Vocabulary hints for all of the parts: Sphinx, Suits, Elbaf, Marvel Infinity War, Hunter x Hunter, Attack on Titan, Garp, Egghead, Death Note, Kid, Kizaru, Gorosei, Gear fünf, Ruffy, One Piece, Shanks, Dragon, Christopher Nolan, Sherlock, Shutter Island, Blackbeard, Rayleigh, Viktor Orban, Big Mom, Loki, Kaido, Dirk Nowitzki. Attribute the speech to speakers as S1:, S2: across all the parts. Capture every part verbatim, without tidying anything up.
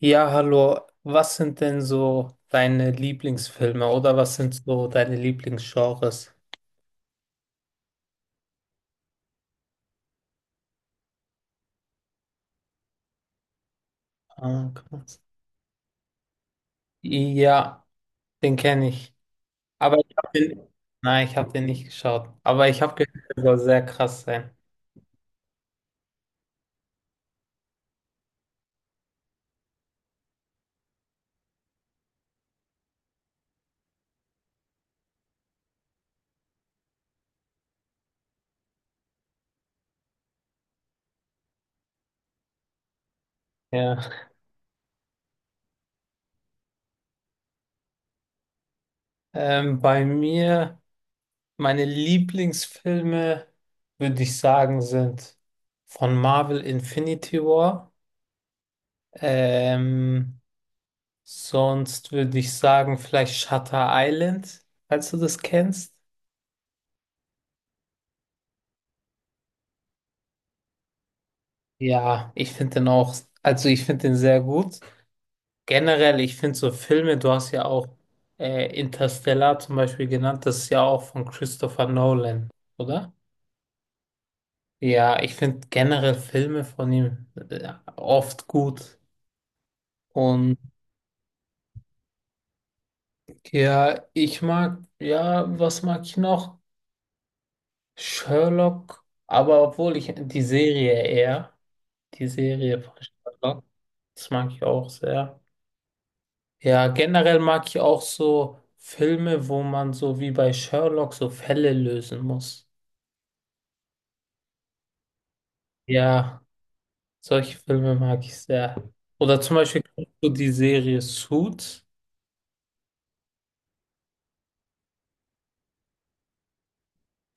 S1: Ja, hallo. Was sind denn so deine Lieblingsfilme oder was sind so deine Lieblingsgenres? Ah, krass. Ja, den kenne ich. Aber ich habe den, nein, ich habe den nicht geschaut. Aber ich habe gehört, der soll sehr krass sein. Ja. Ähm, bei mir, meine Lieblingsfilme, würde ich sagen, sind von Marvel Infinity War. Ähm, sonst würde ich sagen, vielleicht Shutter Island, falls du das kennst. Ja, ich finde den auch, also ich finde den sehr gut. Generell, ich finde so Filme, du hast ja auch äh, Interstellar zum Beispiel genannt, das ist ja auch von Christopher Nolan, oder? Ja, ich finde generell Filme von ihm äh, oft gut. Und ja, ich mag, ja, was mag ich noch? Sherlock, aber obwohl ich die Serie eher, die Serie von Sherlock, das mag ich auch sehr. Ja, generell mag ich auch so Filme, wo man so wie bei Sherlock so Fälle lösen muss. Ja, solche Filme mag ich sehr. Oder zum Beispiel kennst du die Serie Suits.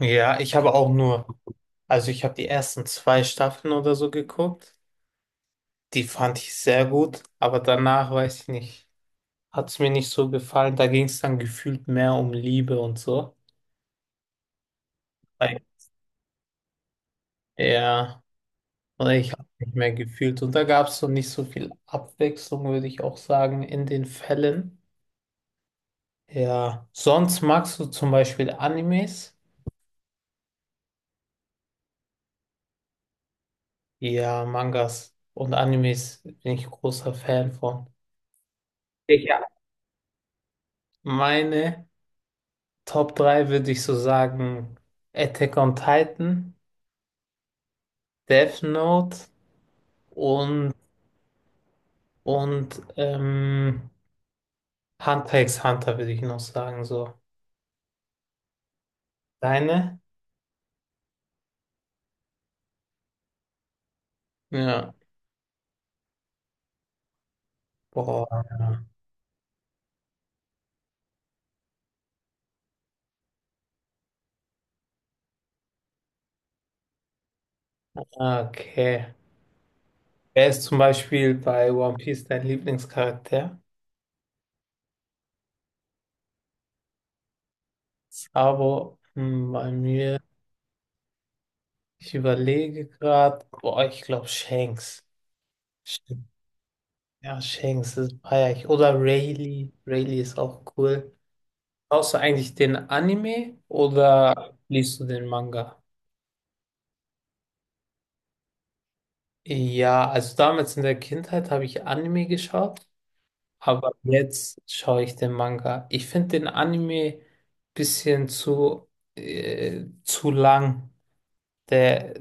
S1: Ja, ich habe auch nur, also ich habe die ersten zwei Staffeln oder so geguckt. Die fand ich sehr gut, aber danach weiß ich nicht, hat es mir nicht so gefallen. Da ging es dann gefühlt mehr um Liebe und so. Weil- Ja. Und ich habe nicht mehr gefühlt. Und da gab es so nicht so viel Abwechslung, würde ich auch sagen, in den Fällen. Ja, sonst magst du zum Beispiel Animes? Ja, Mangas und Animes bin ich großer Fan von. Ja. Meine Top drei würde ich so sagen: Attack on Titan, Death Note und, und ähm, Hunter x Hunter würde ich noch sagen. So. Deine? Ja. Boah. Okay. Er ist zum Beispiel bei One Piece dein Lieblingscharakter, aber hm, bei mir, ich überlege gerade, boah, ich glaube Shanks. Sch- Ja, Shanks, ist feier ich. Oder Rayleigh. Rayleigh ist auch cool. Schaust du eigentlich den Anime oder liest du den Manga? Ja, also damals in der Kindheit habe ich Anime geschaut, aber jetzt schaue ich den Manga. Ich finde den Anime bisschen zu, äh, zu lang. Der,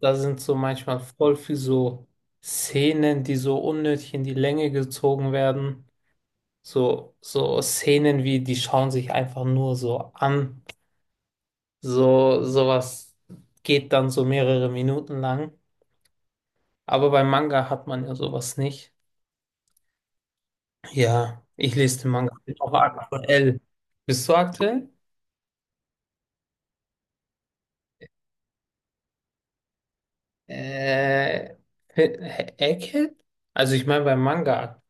S1: da sind so manchmal voll viel so Szenen, die so unnötig in die Länge gezogen werden. So, so Szenen wie, die schauen sich einfach nur so an. So, sowas geht dann so mehrere Minuten lang. Aber beim Manga hat man ja sowas nicht. Ja, ich lese den Manga. Bin auch aktuell. Bist du aktuell? Äh, Egghead? Also ich meine beim Manga.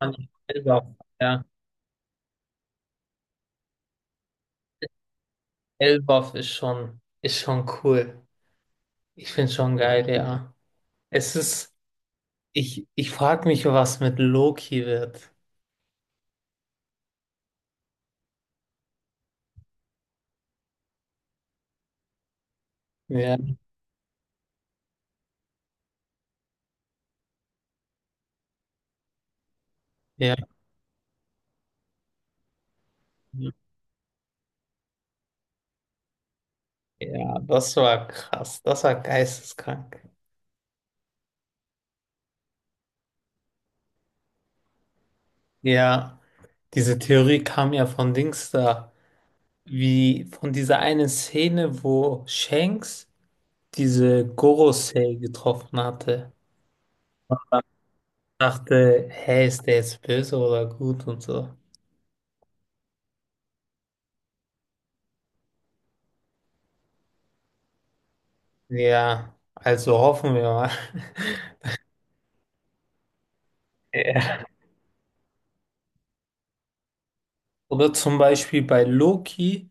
S1: Man- ja selber, ja. Elbaf ist schon, ist schon cool. Ich find's schon geil, ja. Es ist, ich, ich frage mich, was mit Loki wird. Ja, ja, ja, das war krass. Das war geisteskrank. Ja, diese Theorie kam ja von Dings da. Wie von dieser einen Szene, wo Shanks diese Gorosei getroffen hatte. Dachte, hey, ist der jetzt böse oder gut und so. Ja, also hoffen wir mal. Ja. Oder zum Beispiel bei Loki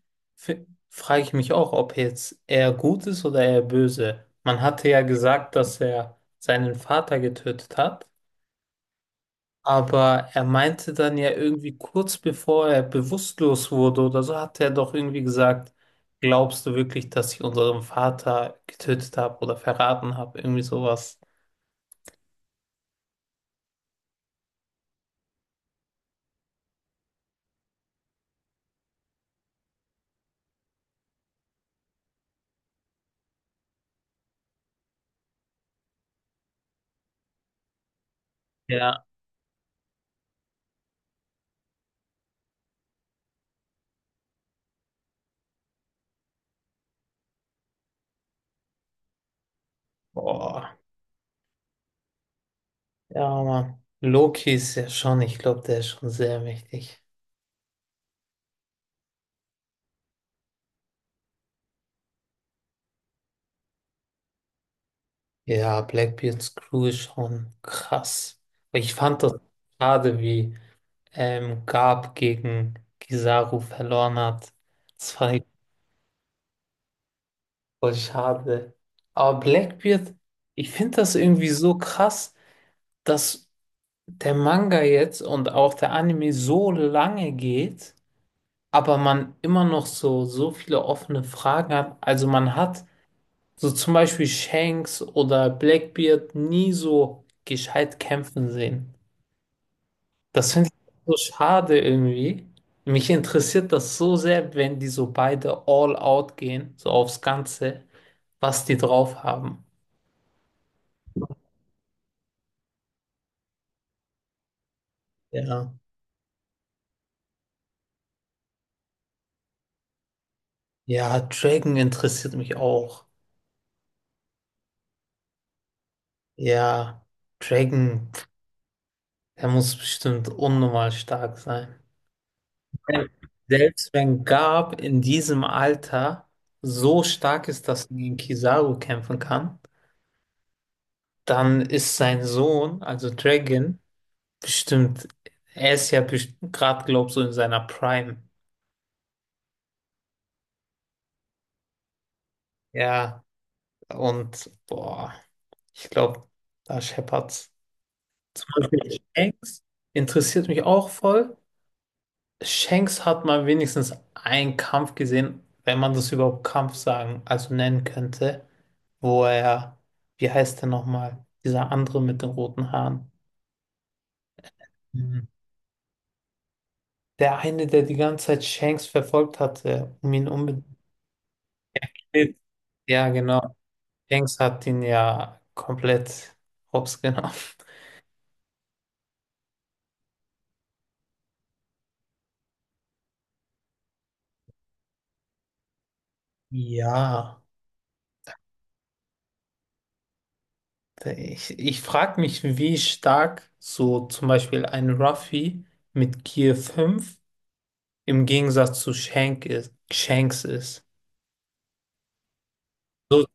S1: frage ich mich auch, ob jetzt er gut ist oder er böse. Man hatte ja gesagt, dass er seinen Vater getötet hat, aber er meinte dann ja irgendwie kurz bevor er bewusstlos wurde oder so, hat er doch irgendwie gesagt, glaubst du wirklich, dass ich unseren Vater getötet habe oder verraten habe? Irgendwie sowas. Ja. Boah. Ja, Mann. Loki ist ja schon, ich glaube, der ist schon sehr mächtig. Ja, Blackbeards Crew ist schon krass. Ich fand das schade, wie ähm, Garp gegen Kizaru verloren hat. Das fand ich voll schade. Aber Blackbeard, ich finde das irgendwie so krass, dass der Manga jetzt und auch der Anime so lange geht, aber man immer noch so, so, viele offene Fragen hat. Also man hat so zum Beispiel Shanks oder Blackbeard nie so gescheit kämpfen sehen. Das finde ich so schade irgendwie. Mich interessiert das so sehr, wenn die so beide all out gehen, so aufs Ganze, was die drauf haben. Ja. Ja, Dragon interessiert mich auch. Ja, Dragon, pf, der muss bestimmt unnormal stark sein. Ja. Selbst wenn Garp in diesem Alter so stark ist, dass er gegen Kizaru kämpfen kann, dann ist sein Sohn, also Dragon, bestimmt, er ist ja gerade, glaub so in seiner Prime. Ja, und boah, ich glaube, da scheppert's. Zum Beispiel Shanks interessiert mich auch voll. Shanks hat mal wenigstens einen Kampf gesehen, wenn man das überhaupt Kampf sagen, also nennen könnte, wo er, wie heißt der nochmal, dieser andere mit den roten Haaren. Mhm. Der eine, der die ganze Zeit Shanks verfolgt hatte, um ihn unbedingt. Ja, genau. Dings hat ihn ja komplett hops genommen. Ja, ich, ich frage mich, wie stark so zum Beispiel ein Ruffy mit Gear fünf im Gegensatz zu Shank ist, Shanks ist. So,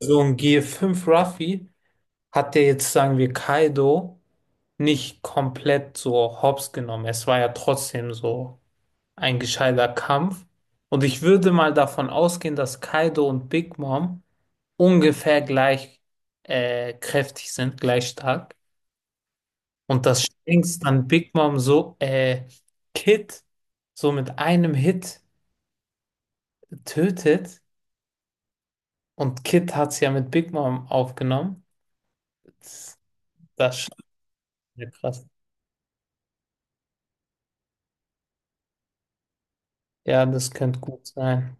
S1: so ein Gear fünf Ruffy hat der jetzt, sagen wir, Kaido nicht komplett so hops genommen. Es war ja trotzdem so ein gescheiter Kampf. Und ich würde mal davon ausgehen, dass Kaido und Big Mom ungefähr gleich äh, kräftig sind, gleich stark. Und das Sphinx dann Big Mom so, äh, Kid so mit einem Hit tötet. Und Kid hat es ja mit Big Mom aufgenommen. Das, das ist schon sehr krass. Ja, das könnte gut sein.